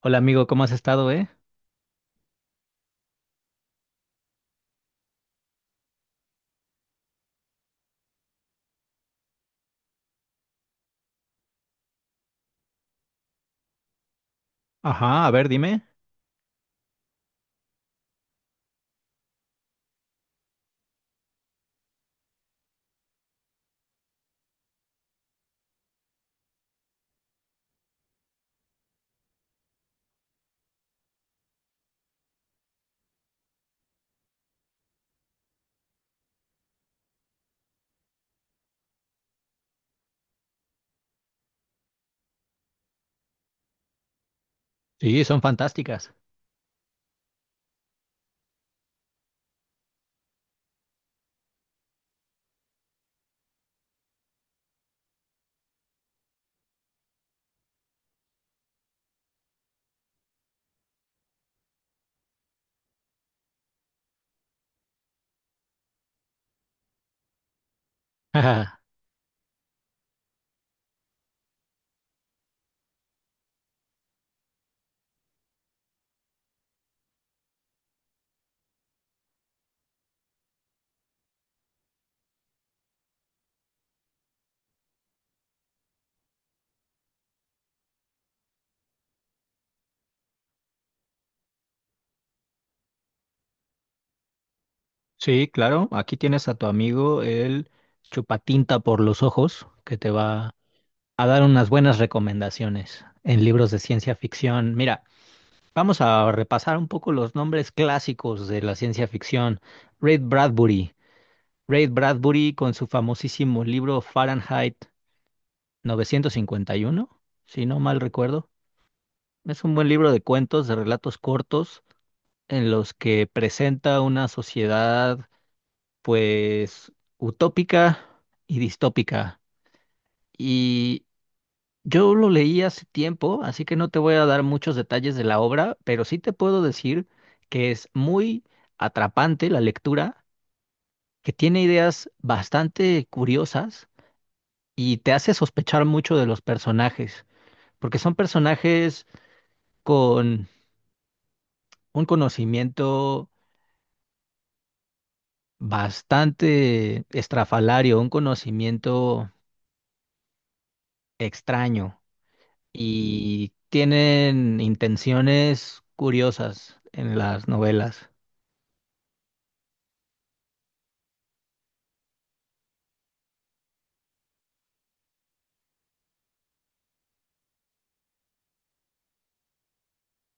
Hola amigo, ¿cómo has estado, Ajá, a ver, dime. Sí, son fantásticas. Ajá, sí, claro, aquí tienes a tu amigo el chupatinta por los ojos, que te va a dar unas buenas recomendaciones en libros de ciencia ficción. Mira, vamos a repasar un poco los nombres clásicos de la ciencia ficción. Ray Bradbury. Ray Bradbury con su famosísimo libro Fahrenheit novecientos cincuenta y uno, si no mal recuerdo. Es un buen libro de cuentos, de relatos cortos en los que presenta una sociedad pues utópica y distópica. Y yo lo leí hace tiempo, así que no te voy a dar muchos detalles de la obra, pero sí te puedo decir que es muy atrapante la lectura, que tiene ideas bastante curiosas y te hace sospechar mucho de los personajes, porque son personajes con un conocimiento bastante estrafalario, un conocimiento extraño y tienen intenciones curiosas en las novelas.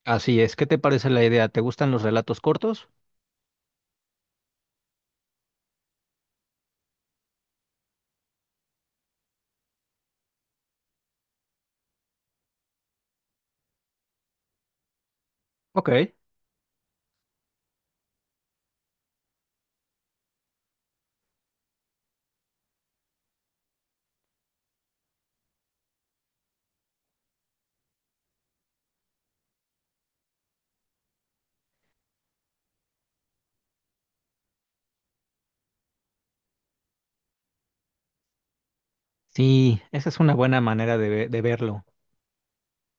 Así es, ¿qué te parece la idea? ¿Te gustan los relatos cortos? Ok. Sí, esa es una buena manera de, de verlo,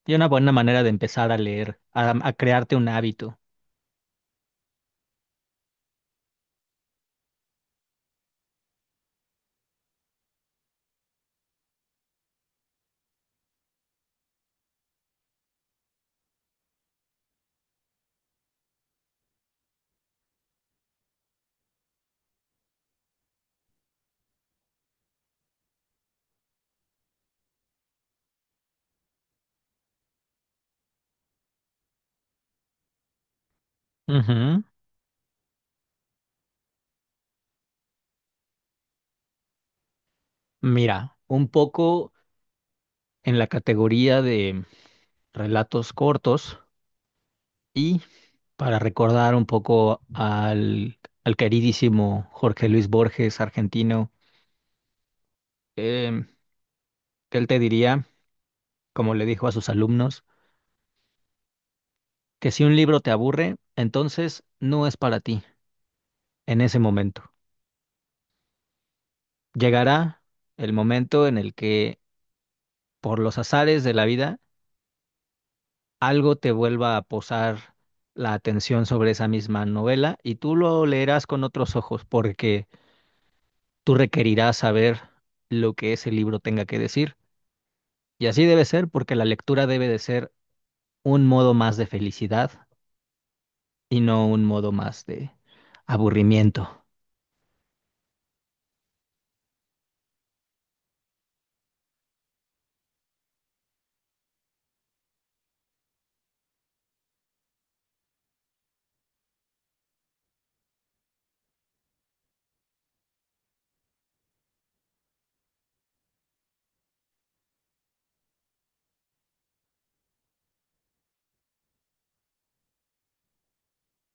y una buena manera de empezar a leer, a crearte un hábito. Ujú. Mira, un poco en la categoría de relatos cortos y para recordar un poco al queridísimo Jorge Luis Borges, argentino. em, que él te diría, como le dijo a sus alumnos, que si un libro te aburre, entonces no es para ti en ese momento. Llegará el momento en el que, por los azares de la vida, algo te vuelva a posar la atención sobre esa misma novela y tú lo leerás con otros ojos porque tú requerirás saber lo que ese libro tenga que decir. Y así debe ser porque la lectura debe de ser un modo más de felicidad y no un modo más de aburrimiento.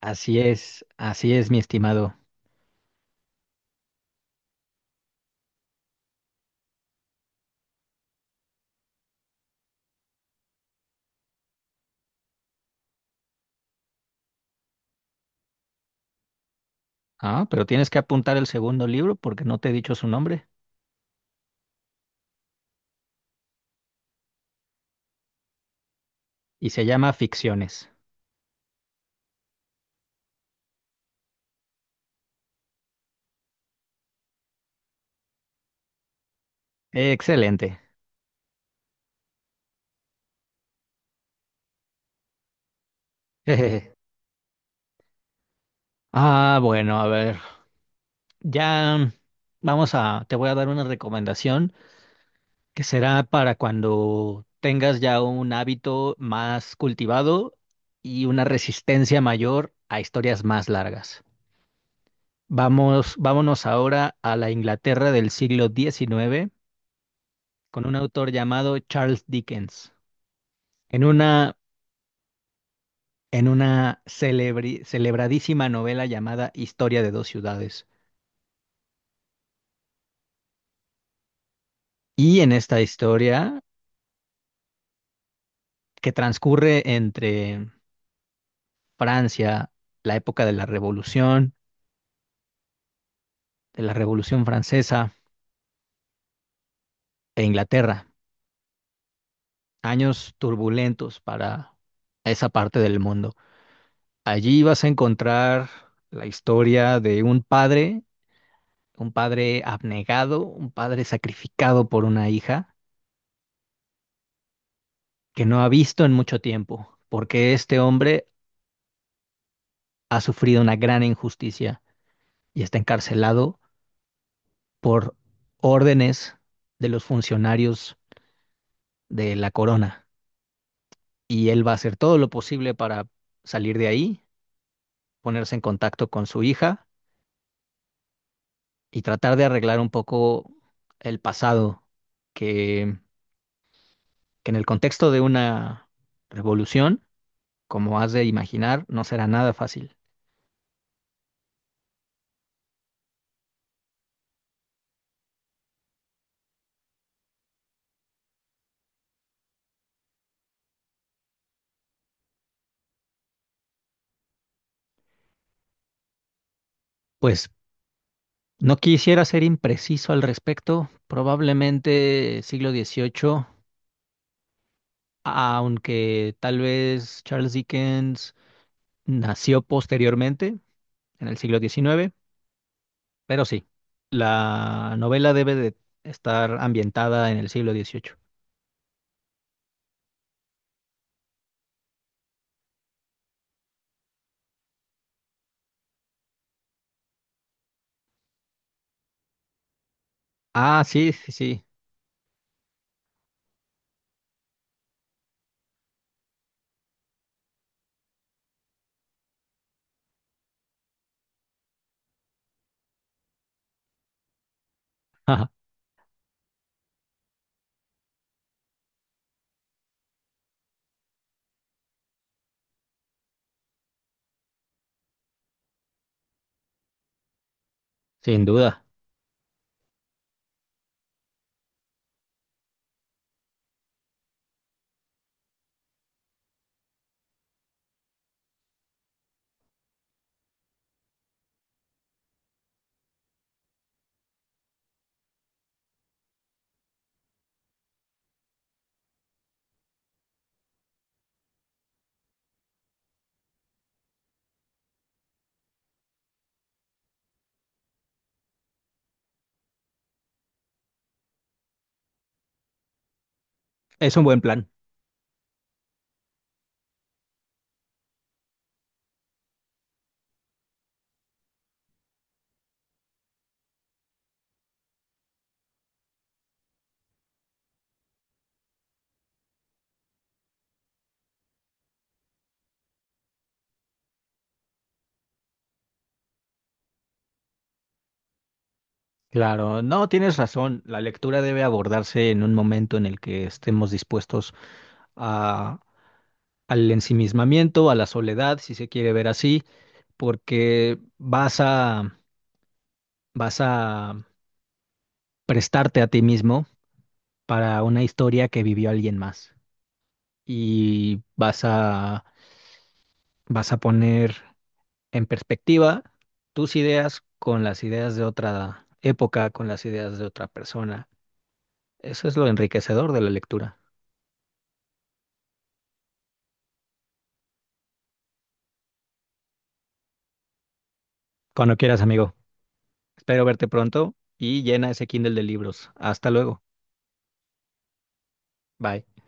Así es, mi estimado. Ah, pero tienes que apuntar el segundo libro porque no te he dicho su nombre y se llama Ficciones. Excelente. Jejeje. Ah, bueno, a ver. Ya vamos a, te voy a dar una recomendación que será para cuando tengas ya un hábito más cultivado y una resistencia mayor a historias más largas. Vamos, vámonos ahora a la Inglaterra del siglo XIX con un autor llamado Charles Dickens. En una, en una celebradísima novela llamada Historia de dos ciudades. Y en esta historia, que transcurre entre Francia, la época de la Revolución Francesa e Inglaterra, años turbulentos para esa parte del mundo. Allí vas a encontrar la historia de un padre abnegado, un padre sacrificado por una hija que no ha visto en mucho tiempo, porque este hombre ha sufrido una gran injusticia y está encarcelado por órdenes de los funcionarios de la corona. Y él va a hacer todo lo posible para salir de ahí, ponerse en contacto con su hija y tratar de arreglar un poco el pasado que, que en el contexto de una revolución, como has de imaginar, no será nada fácil. Pues no quisiera ser impreciso al respecto, probablemente siglo XVIII, aunque tal vez Charles Dickens nació posteriormente, en el siglo XIX, pero sí, la novela debe de estar ambientada en el siglo XVIII. Ah, sí, sí, sí, ajá, sin duda. Es un buen plan. Claro, no, tienes razón. La lectura debe abordarse en un momento en el que estemos dispuestos a, al ensimismamiento, a la soledad, si se quiere ver así, porque vas a prestarte a ti mismo para una historia que vivió alguien más. Y vas a poner en perspectiva tus ideas con las ideas de otra época, con las ideas de otra persona. Eso es lo enriquecedor de la lectura. Cuando quieras, amigo. Espero verte pronto y llena ese Kindle de libros. Hasta luego. Bye.